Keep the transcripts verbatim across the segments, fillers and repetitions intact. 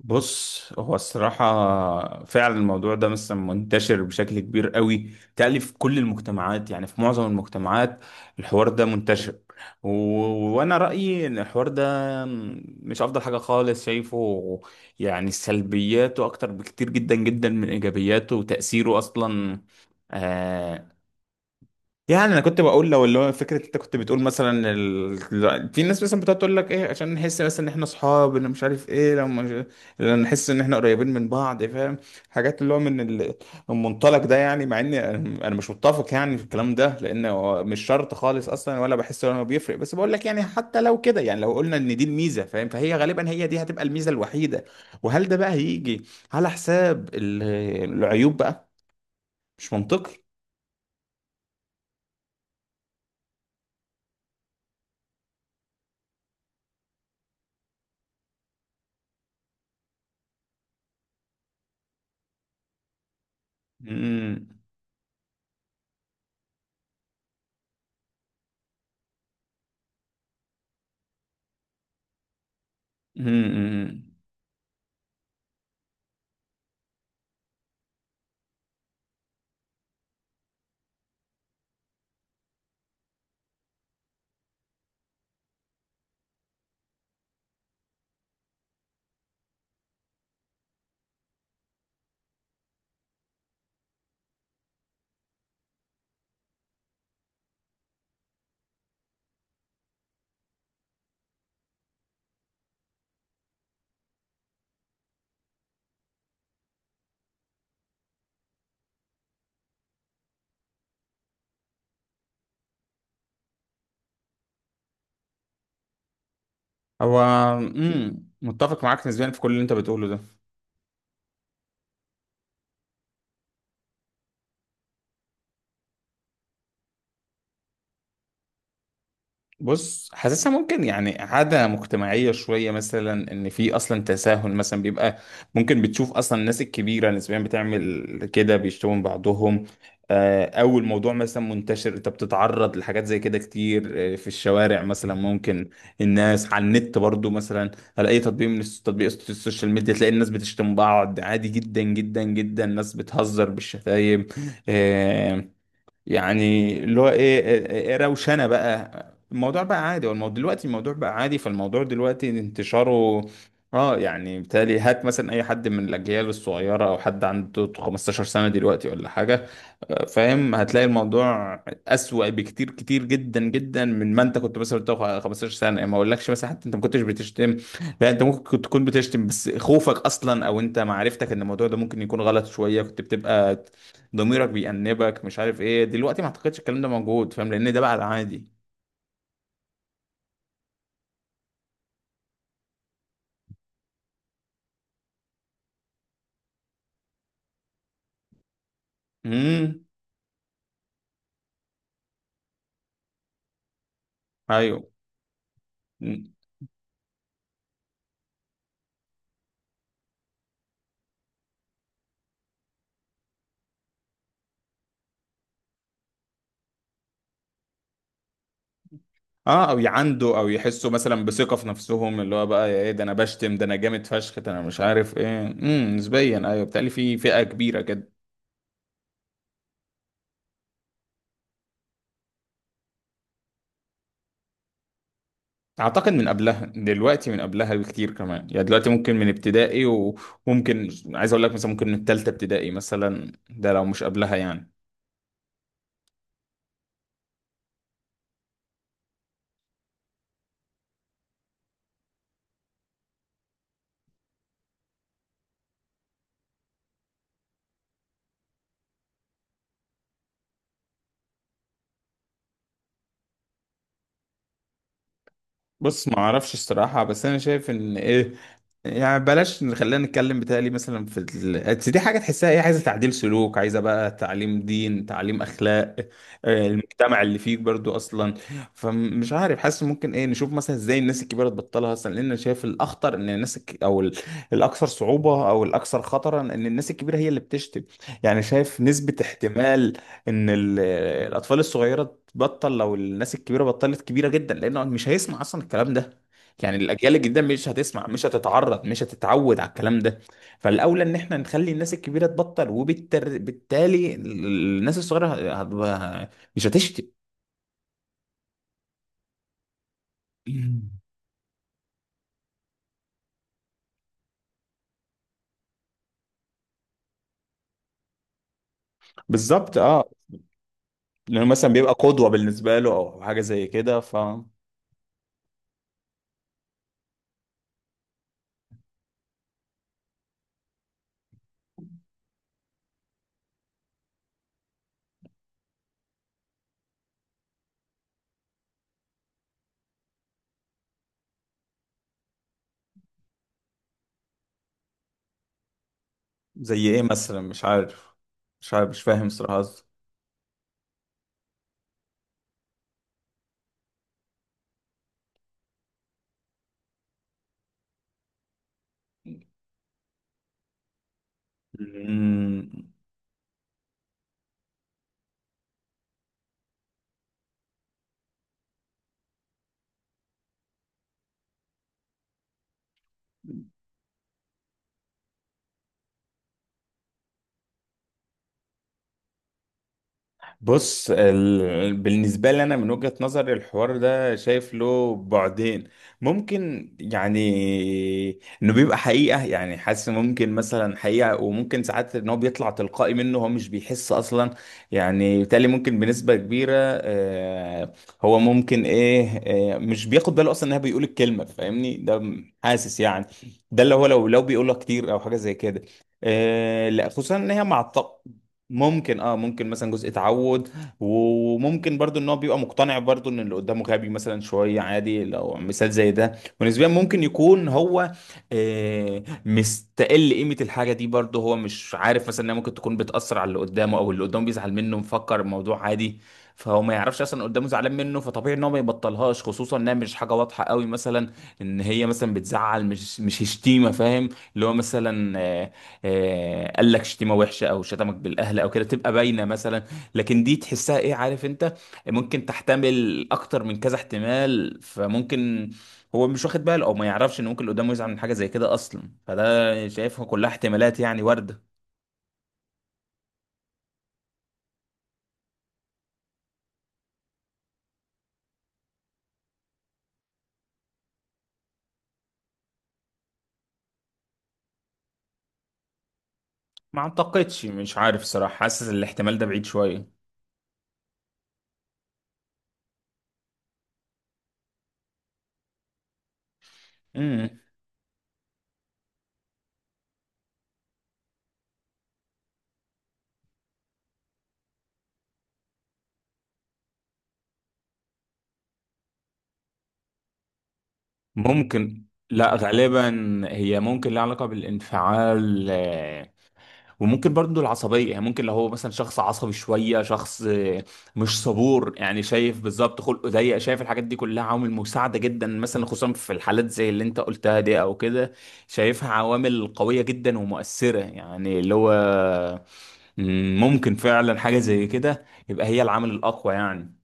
بص، هو الصراحة فعلا الموضوع ده مثلا منتشر بشكل كبير قوي. تقلي في كل المجتمعات، يعني في معظم المجتمعات الحوار ده منتشر و... وأنا رأيي إن الحوار ده مش أفضل حاجة خالص شايفه. يعني سلبياته أكتر بكتير جدا جدا من إيجابياته وتأثيره أصلا. آه، يعني انا كنت بقول لو اللي هو فكره، انت كنت بتقول مثلا ال... في ناس مثلا بتقعد تقول لك ايه، عشان نحس مثلا ان احنا اصحاب، ان مش عارف ايه. لو مش... لو نحس ان احنا قريبين من بعض، فاهم، حاجات اللي هو من ال- المنطلق ده. يعني مع اني انا مش متفق يعني في الكلام ده، لان هو مش شرط خالص اصلا، ولا بحس ان هو بيفرق، بس بقول لك يعني حتى لو كده، يعني لو قلنا ان دي الميزه فاهم، فهي غالبا هي دي هتبقى الميزه الوحيده. وهل ده بقى هيجي على حساب ال- العيوب بقى؟ مش منطقي. امم. هو، امم، متفق معاك نسبيا في كل اللي انت بتقوله ده. بص، حاسسها ممكن يعني عادة مجتمعية شوية مثلا، ان في اصلا تساهل مثلا بيبقى ممكن. بتشوف اصلا الناس الكبيرة نسبيا بتعمل كده، بيشتموا من بعضهم. آه، او الموضوع مثلا منتشر، انت بتتعرض لحاجات زي كده كتير، آه، في الشوارع مثلا ممكن، الناس على النت برضو مثلا، على اي تطبيق من الس- تطبيق الس- السوشيال ميديا، تلاقي الناس بتشتم بعض عادي جدا جدا جدا، ناس بتهزر بالشتايم. آه، يعني اللي هو ايه، إيه إيه، روشنه بقى. الموضوع بقى عادي، هو الموضوع دلوقتي، الموضوع بقى عادي، فالموضوع دلوقتي انتشاره اه. يعني بالتالي هات مثلا اي حد من الاجيال الصغيره، او حد عنده خمسة عشر سنه دلوقتي ولا حاجه، آه، فاهم، هتلاقي الموضوع اسوأ بكتير كتير جدا جدا من ما انت كنت مثلا بتاخد خمسة عشر سنه. يعني ما اقولكش مثلا حتى انت ما كنتش بتشتم، لا، انت ممكن كنت تكون بتشتم، بس خوفك اصلا، او انت معرفتك ان الموضوع ده ممكن يكون غلط شويه، كنت بتبقى ضميرك بيأنبك، مش عارف ايه. دلوقتي ما اعتقدش الكلام ده موجود، فاهم، لان ده بقى العادي. امم، ايوه. مم. اه، او يعندوا او يحسوا مثلا بثقة في نفسهم، اللي هو بقى ايه، ده انا بشتم، ده انا جامد فشخ، ده انا مش عارف ايه. امم، نسبيا ايوه، بتقلي في فئة كبيرة كده. اعتقد من قبلها، دلوقتي من قبلها بكتير كمان. يعني دلوقتي ممكن من ابتدائي، وممكن عايز اقول لك مثلا ممكن من تالتة ابتدائي مثلا، ده لو مش قبلها يعني. بص، ما اعرفش الصراحة، بس انا شايف ان ايه، يعني بلاش، خلينا نتكلم. بتهيألي مثلا في ال... بس دي حاجة تحسها ايه، عايزة تعديل سلوك، عايزة بقى تعليم دين، تعليم أخلاق، آه، المجتمع اللي فيك برضو أصلا. فمش عارف، حاسس ممكن ايه نشوف مثلا ازاي الناس الكبيرة تبطلها أصلا، لأن أنا شايف الأخطر إن الناس الك... أو ال... الأكثر صعوبة أو الأكثر خطرا، إن الناس الكبيرة هي اللي بتشتم. يعني شايف نسبة احتمال إن ال... الأطفال الصغيرة تبطل لو الناس الكبيرة بطلت كبيرة جدا، لأنه مش هيسمع أصلا الكلام ده. يعني الاجيال الجديده مش هتسمع، مش هتتعرض، مش هتتعود على الكلام ده. فالاولى ان احنا نخلي الناس الكبيره تبطل، وبالتالي الناس الصغيره هت- هت- مش هتشتي. بالظبط، اه. لانه مثلا بيبقى قدوه بالنسبه له، او حاجه زي كده، ف، زي ايه مثلا؟ مش عارف. مش عارف، مش فاهم صراحه. بص، ال... بالنسبة لي أنا، من وجهة نظري الحوار ده شايف له بعدين. ممكن يعني إنه بيبقى حقيقة، يعني حاسس ممكن مثلا حقيقة، وممكن ساعات إن هو بيطلع تلقائي منه، هو مش بيحس أصلا. يعني بالتالي ممكن بنسبة كبيرة، آه هو ممكن إيه، آه مش بياخد باله أصلا إنها بيقول الكلمة، فاهمني، ده م- حاسس يعني. ده اللي هو لو لو بيقولها كتير أو حاجة زي كده. آه لا، خصوصا إن هي مع الطبع، ممكن اه، ممكن مثلا جزء تعود. وممكن برضو ان هو بيبقى مقتنع برضو ان اللي قدامه غبي مثلا شوية، عادي لو مثال زي ده. ونسبيا ممكن يكون هو آه مستقل قيمة الحاجة دي برضو، هو مش عارف مثلا انها ممكن تكون بتأثر على اللي قدامه، او اللي قدامه بيزعل منه، مفكر الموضوع عادي. فهو ما يعرفش اصلا اللي قدامه زعلان منه، فطبيعي ان هو ما يبطلهاش، خصوصا انها مش حاجة واضحة قوي مثلا، ان هي مثلا بتزعل، مش مش شتيمة فاهم. اللي هو مثلا آه، آه، قال لك شتيمه وحشه او شتمك بالاهل او كده، تبقى باينه مثلا. لكن دي تحسها ايه، عارف انت، ممكن تحتمل اكتر من كذا احتمال. فممكن هو مش واخد باله، او ما يعرفش ان ممكن اللي قدامه يزعل من حاجه زي كده اصلا. فده شايفها كلها احتمالات يعني وارده. ما اعتقدش، مش عارف صراحه، حاسس الاحتمال ده بعيد شويه. امم. ممكن، لا غالبا هي ممكن لها علاقه بالانفعال، آه، وممكن برضه العصبية. يعني ممكن لو هو مثلا شخص عصبي شوية، شخص آه، مش صبور، يعني شايف، بالظبط، خلقه ضيق، شايف الحاجات دي كلها عوامل مساعدة جدا مثلا، خصوصا في الحالات زي اللي انت قلتها دي او كده. شايفها عوامل قوية جدا ومؤثرة. يعني اللي هو مم، ممكن فعلا حاجة زي كده يبقى هي العامل الأقوى يعني.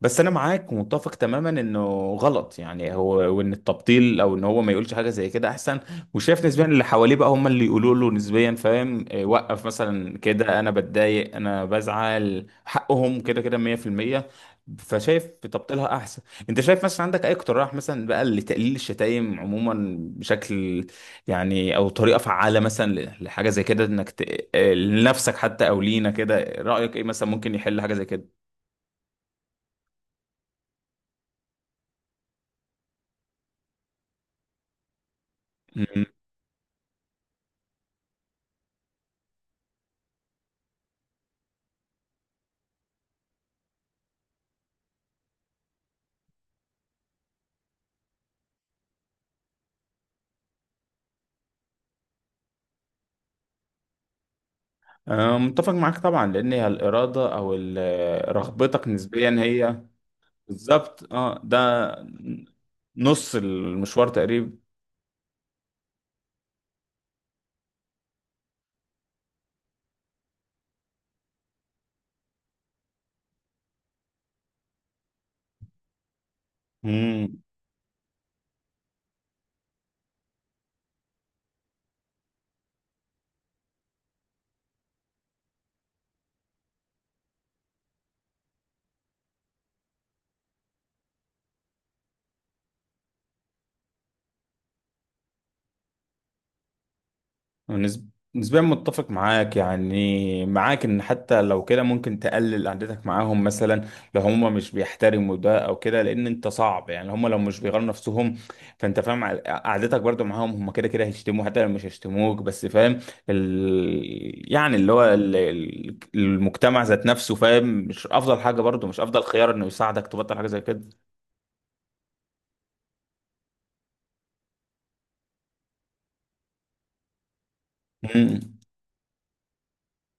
بس انا معاك، ومتفق تماما انه غلط، يعني هو، وان التبطيل او ان هو ما يقولش حاجه زي كده احسن. وشايف نسبيا اللي حواليه بقى هم اللي يقولوا له نسبيا، فاهم، إيه، وقف مثلا كده، انا بتضايق، انا بزعل، حقهم كده كده مية في المية. فشايف تبطيلها احسن. انت شايف مثلا عندك اي اقتراح مثلا بقى لتقليل الشتايم عموما، بشكل يعني، او طريقه فعاله مثلا ل- لحاجه زي كده، انك ت... آه، لنفسك حتى او لينا كده؟ رايك ايه مثلا ممكن يحل حاجه زي كده؟ أنا متفق معاك طبعا، لأن هي الإرادة أو ال- رغبتك نسبيا هي بالظبط، اه، ده نص المشوار تقريبا. مم. نسب- نسبيا متفق معاك، يعني معاك ان حتى لو كده ممكن تقلل قعدتك معاهم مثلا، لو هم مش بيحترموا ده او كده، لان انت صعب يعني هم لو مش بيغيروا نفسهم، فانت فاهم ع- قعدتك برضو معاهم، هم كده كده هيشتموا حتى لو مش هيشتموك. بس فاهم، ال... يعني اللي هو ال... ال- المجتمع ذات نفسه، فاهم، مش افضل حاجة برضو، مش افضل خيار انه يساعدك تبطل حاجة زي كده.